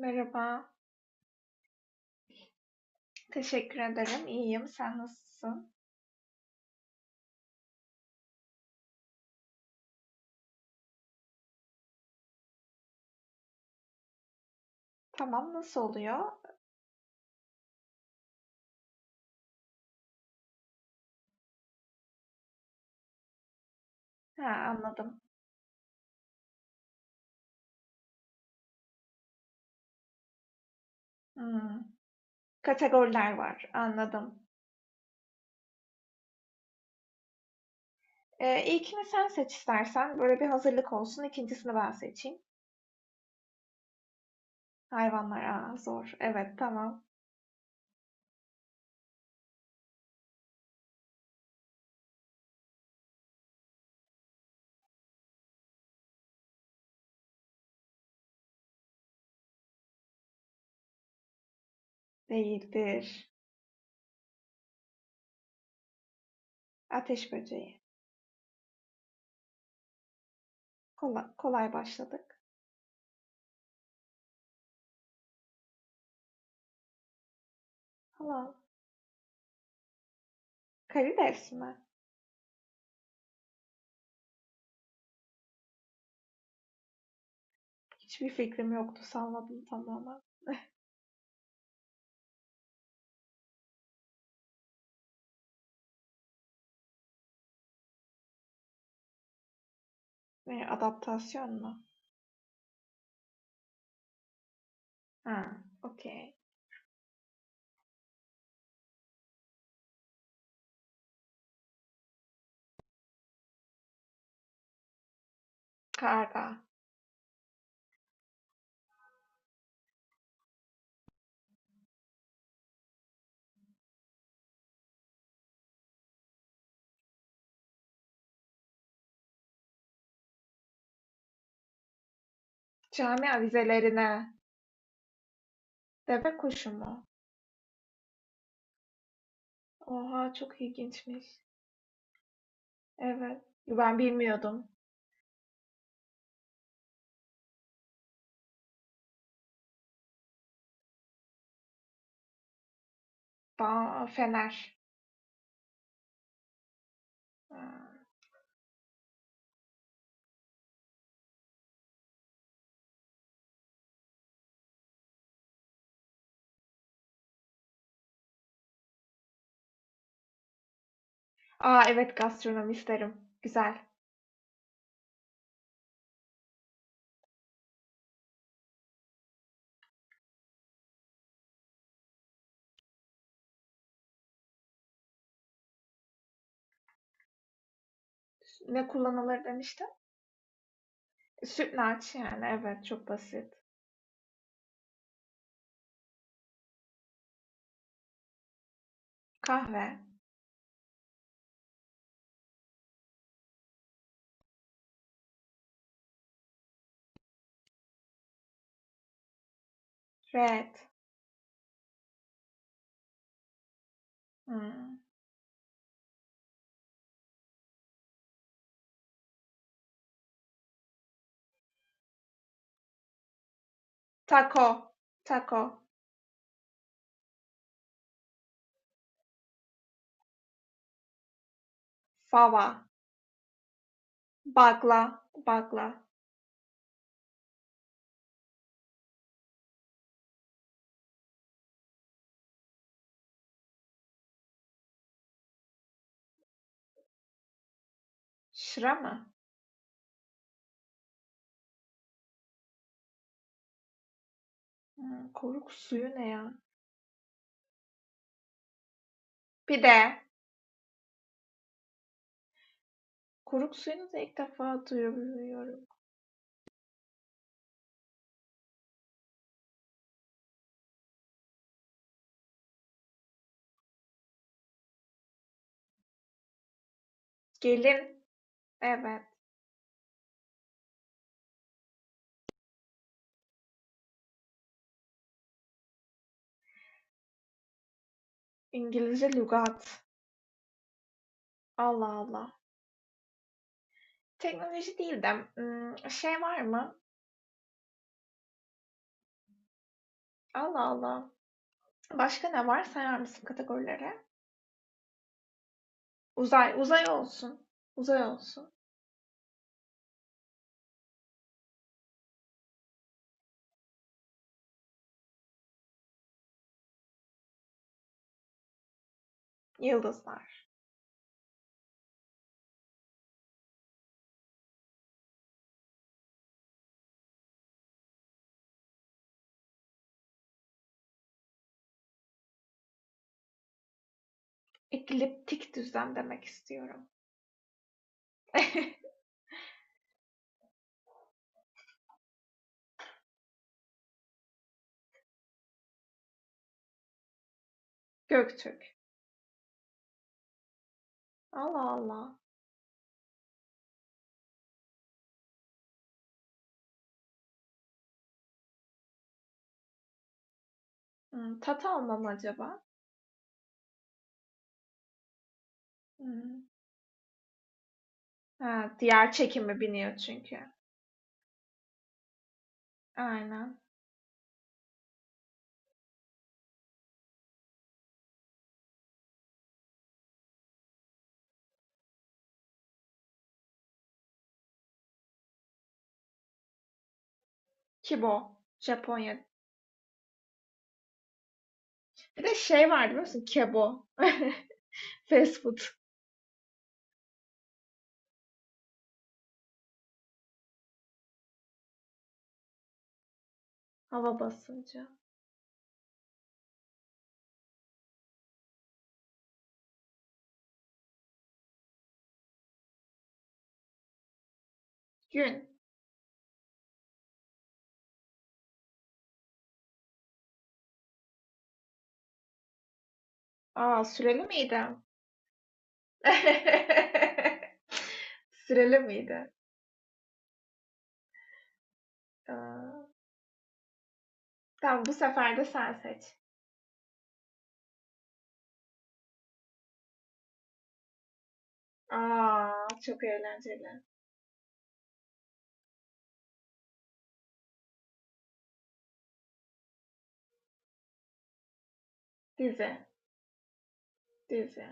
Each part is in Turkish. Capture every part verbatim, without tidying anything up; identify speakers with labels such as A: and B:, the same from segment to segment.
A: Merhaba, teşekkür ederim. İyiyim. Sen nasılsın? Tamam, nasıl oluyor? Ha, anladım. Hmm, kategoriler var, anladım. Ee, ilkini sen seç istersen. Böyle bir hazırlık olsun. İkincisini ben seçeyim. Hayvanlar, aa, zor. Evet, tamam. Değildir. Ateş böceği. Kolay, kolay başladık. Tamam. Karides mi? Hiçbir fikrim yoktu. Salladım tamamen. Ne, adaptasyon mu? Ha, okey. Karga. Cami avizelerine. Deve kuşu mu? Oha, çok ilginçmiş. Evet. Ben bilmiyordum. Ba fener. Ha. Aa, evet, gastronomi isterim. Güzel. Ne kullanılır demiştin? Sütlaç yani, evet, çok basit. Kahve. Red. Hmm. Taco. Taco. Fava. Bagla. Bagla. Şıra mı? Hmm, koruk suyu ne ya? Pide. Koruk suyunu da ilk defa duyuyorum. Gelin. Evet. İngilizce lügat. Allah Allah. Teknoloji değil de, ımm, şey var mı? Allah Allah. Başka ne var? Sayar mısın kategorilere? Uzay, uzay olsun. Uzay olsun. Yıldızlar. Ekliptik düzlem demek istiyorum. Göktürk. Allah Allah. Hımm, tat alma acaba? Hımm. Ha, diğer çekimi biniyor çünkü. Aynen. Kibo. Japonya. Bir de şey var biliyor musun? Kebo. Fast food. Hava basıncı. Gün. A, süreli miydi? Süreli miydi? Aaa, tamam, bu sefer de sen seç. A! Çok eğlenceli. Dizi, dizi.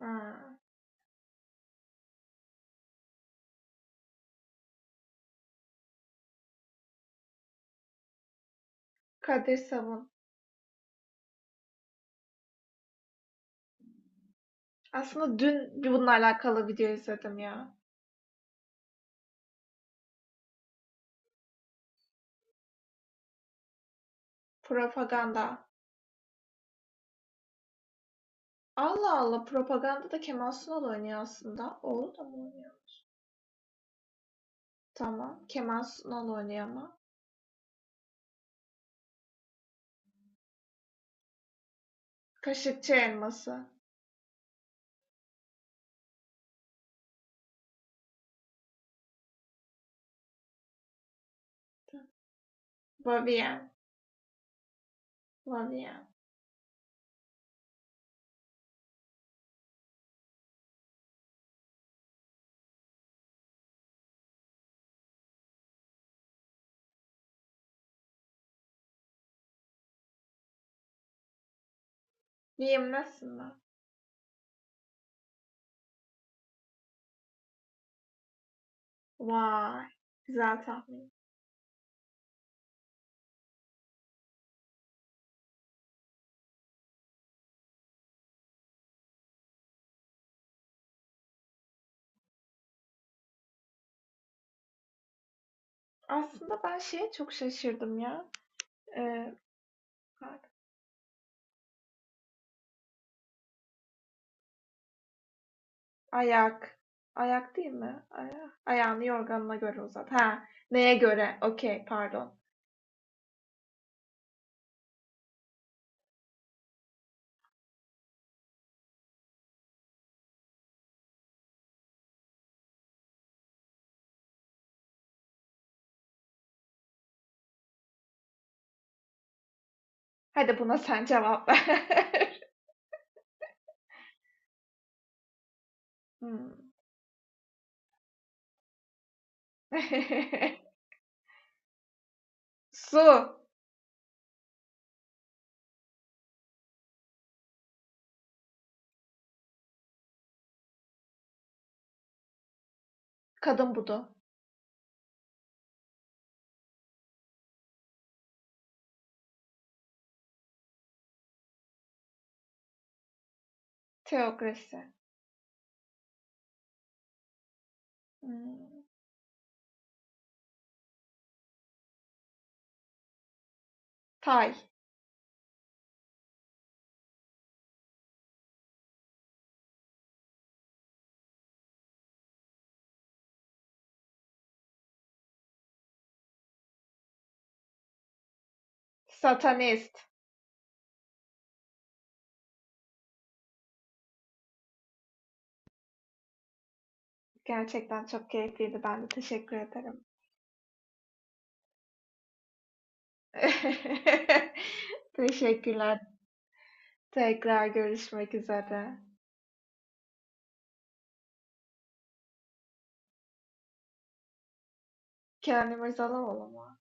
A: A! Kadir Savun. Aslında dün bir bununla alakalı video izledim ya. Propaganda. Allah Allah, propaganda da Kemal Sunal oynuyor aslında. Oğlu da mı oynuyor? Tamam. Kemal Sunal oynuyor ama. Kaşıkçı Elması. Vavien. Vavien. Viyemlesin mi? Vay. Güzel tahmin. Aslında ben şeye çok şaşırdım ya. Ee, ayak. Ayak değil mi? Aya- Ayağını yorganına göre uzat. Ha, neye göre? Okey, pardon. Hadi buna sen cevap ver. Hmm. Su. Kadın budu. Teokrasi. Hmm. Tay. Satanist. Gerçekten çok keyifliydi. Ben de teşekkür ederim. Teşekkürler. Tekrar görüşmek üzere. Kenan İmirzalıoğlu mu?